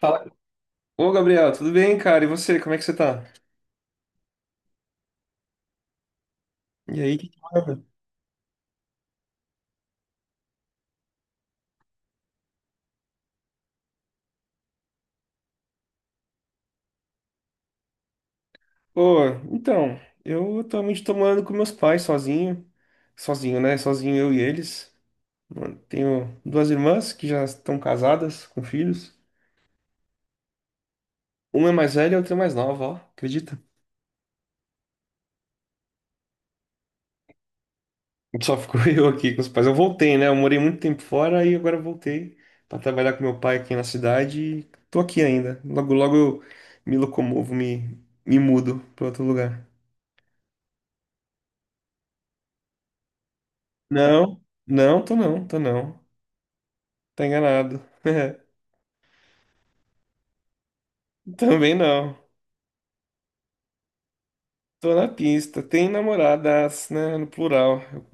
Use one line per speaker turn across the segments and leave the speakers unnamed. Fala. Ô, Gabriel, tudo bem, cara? E você, como é que você tá? E aí, que manda? Ô, então, eu atualmente tô morando com meus pais sozinho. Sozinho, né? Sozinho eu e eles. Mano, tenho duas irmãs que já estão casadas, com filhos. Uma é mais velha e a outra é mais nova, ó. Acredita? Só ficou eu aqui com os pais. Eu voltei, né? Eu morei muito tempo fora e agora eu voltei pra trabalhar com meu pai aqui na cidade e tô aqui ainda. Logo, logo eu me locomovo, me mudo pra outro lugar. Não, não, tô não, tô não. Tá enganado. Também não. Tô na pista. Tem namoradas, né? No plural. Eu,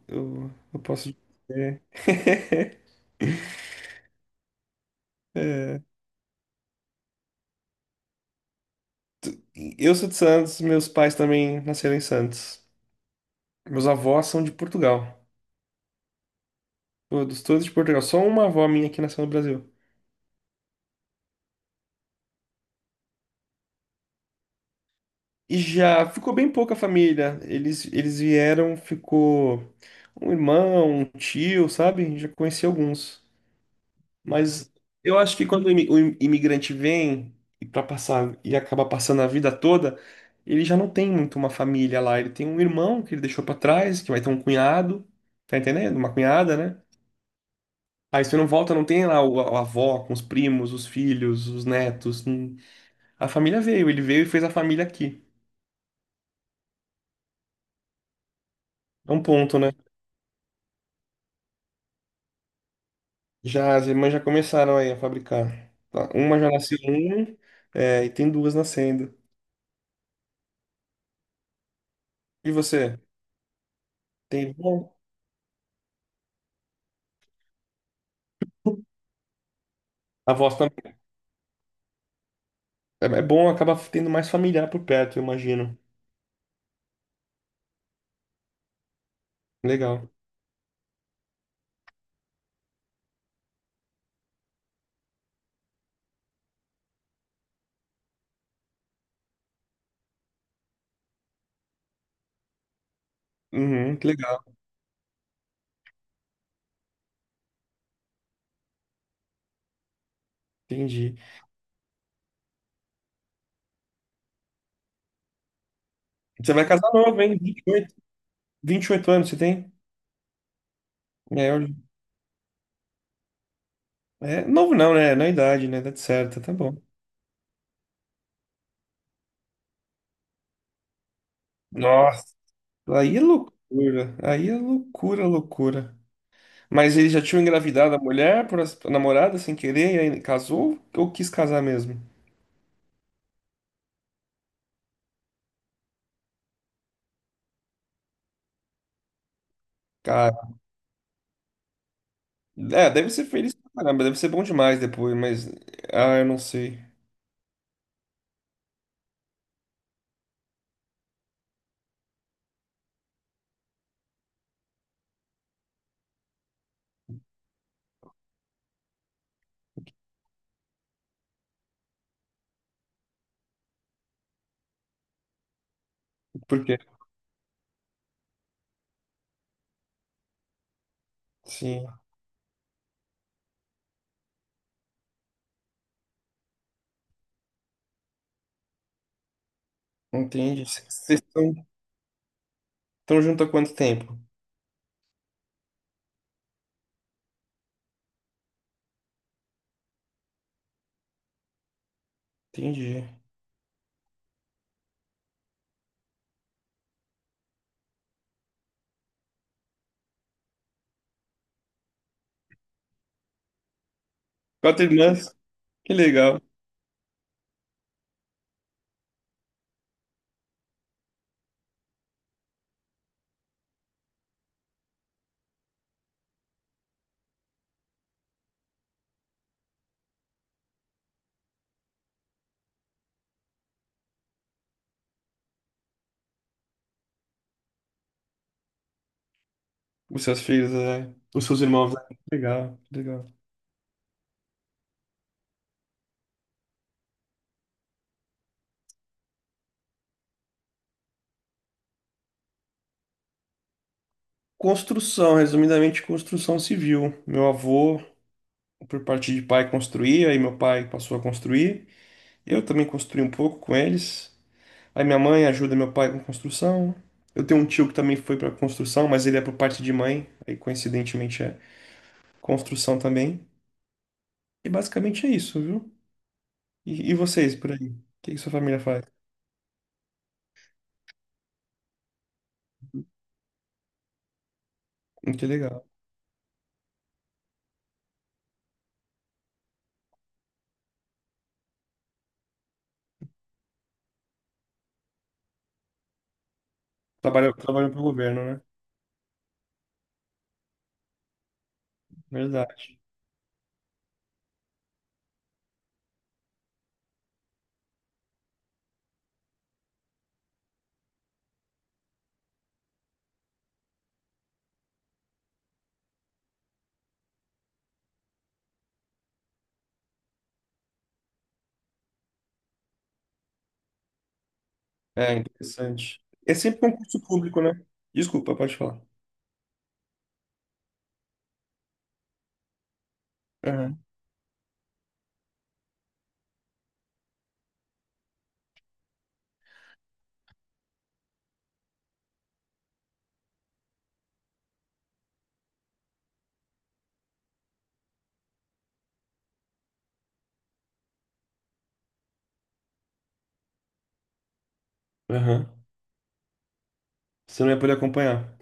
eu, Eu posso dizer. É. Eu sou de Santos, meus pais também nasceram em Santos. Meus avós são de Portugal. Todos, todos de Portugal. Só uma avó minha que nasceu no Brasil. E já ficou bem pouca família. Eles vieram, ficou um irmão, um tio, sabe? Já conheci alguns. Mas eu acho que quando o imi- o im- imigrante vem e para passar e acaba passando a vida toda, ele já não tem muito uma família lá. Ele tem um irmão que ele deixou para trás, que vai ter um cunhado, tá entendendo? Uma cunhada, né? Aí você não volta, não tem lá o, a avó com os primos, os filhos, os netos. Hum. A família veio, ele veio e fez a família aqui. É um ponto, né? Já as irmãs já começaram aí a fabricar. Tá. Uma já nasceu um, é, e tem duas nascendo. E você? Tem irmão? A voz É, é bom, acaba tendo mais familiar por perto, eu imagino. Legal. Uhum, que legal, entendi. Você vai casar novo, hein? 28 anos você tem? É, eu- é, novo não, né? Na idade, né? Tá certo, tá bom. Nossa, aí é loucura. Aí é loucura, loucura. Mas ele já tinha engravidado a mulher por a namorada sem querer, e aí casou ou quis casar mesmo? Cara, é, deve ser feliz pra caramba, deve ser bom demais depois, mas. Ah, eu não sei. Por quê? Sim, entendi. Vocês estão junto há quanto tempo? Entendi. Quatro irmãs? Que legal. Os seus filhos, é. Os seus irmãos, né? Legal, legal. Construção, resumidamente, construção civil. Meu avô, por parte de pai, construía, aí meu pai passou a construir. Eu também construí um pouco com eles. Aí minha mãe ajuda meu pai com construção. Eu tenho um tio que também foi para construção, mas ele é por parte de mãe, aí coincidentemente é construção também. E basicamente é isso, viu? E vocês por aí? O que que sua família faz? Que legal. Trabalhou, trabalhou para o governo, né? Verdade. É, interessante. É sempre concurso público, né? Desculpa, pode falar. Aham. Aham. Você não ia poder acompanhar.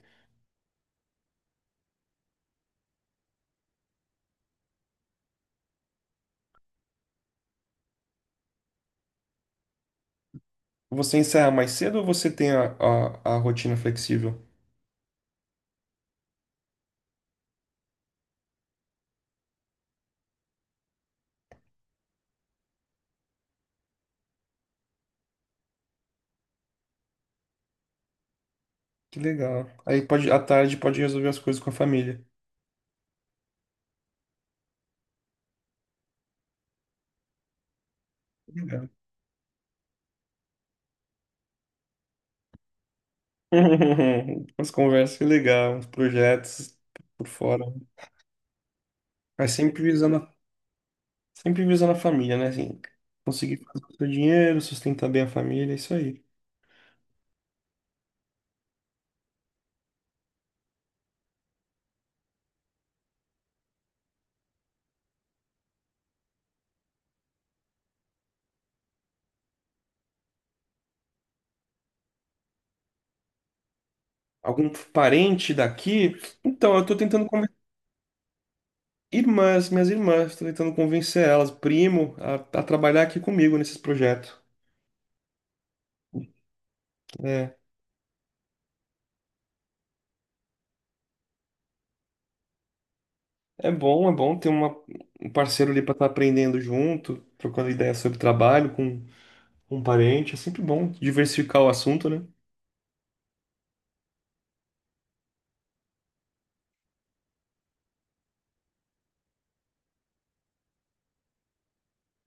Você encerra mais cedo ou você tem a rotina flexível? Que legal. Aí pode, à tarde pode resolver as coisas com a família. Que legal. As conversas, que legal. Os projetos por fora. Mas sempre visando, sempre visando a família, né? Assim, conseguir fazer o seu dinheiro, sustentar bem a família, é isso aí. Algum parente daqui? Então, eu tô tentando convencer irmãs, minhas irmãs, tô tentando convencer elas, primo, a trabalhar aqui comigo nesses projetos. É, é bom ter uma, um parceiro ali para estar aprendendo junto, trocando ideias sobre trabalho com um parente. É sempre bom diversificar o assunto, né?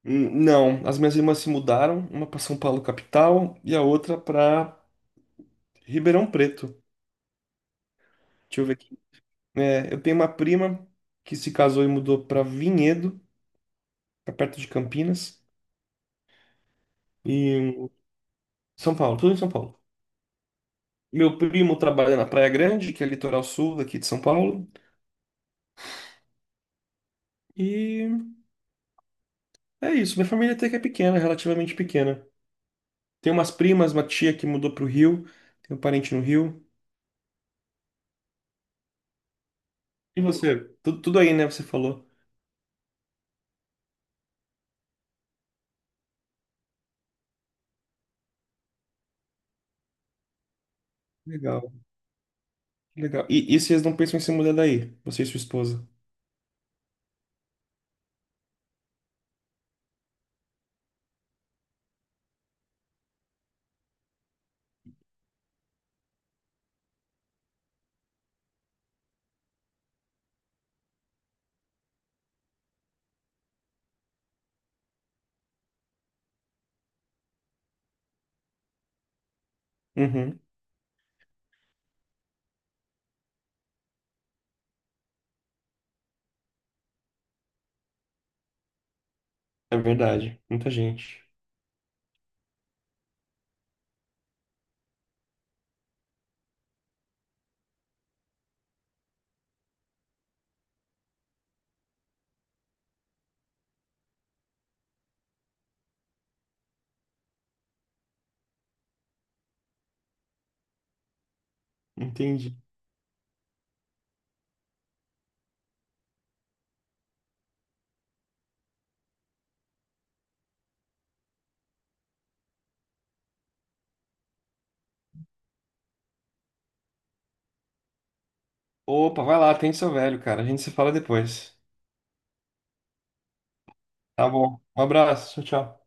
Não, as minhas irmãs se mudaram, uma para São Paulo capital e a outra para Ribeirão Preto. Deixa eu ver aqui. É, eu tenho uma prima que se casou e mudou para Vinhedo, tá perto de Campinas. E São Paulo, tudo em São Paulo. Meu primo trabalha na Praia Grande, que é litoral sul daqui de São Paulo. E é isso. Minha família até que é pequena, relativamente pequena. Tem umas primas, uma tia que mudou pro Rio. Tem um parente no Rio. E você? Tudo, tudo aí, né? Você falou. Legal, legal. E vocês não pensam em se mudar daí? Você e sua esposa? Uhum, é verdade. Muita gente. Entendi. Opa, vai lá, atende seu velho, cara. A gente se fala depois. Tá bom. Um abraço. Tchau, tchau.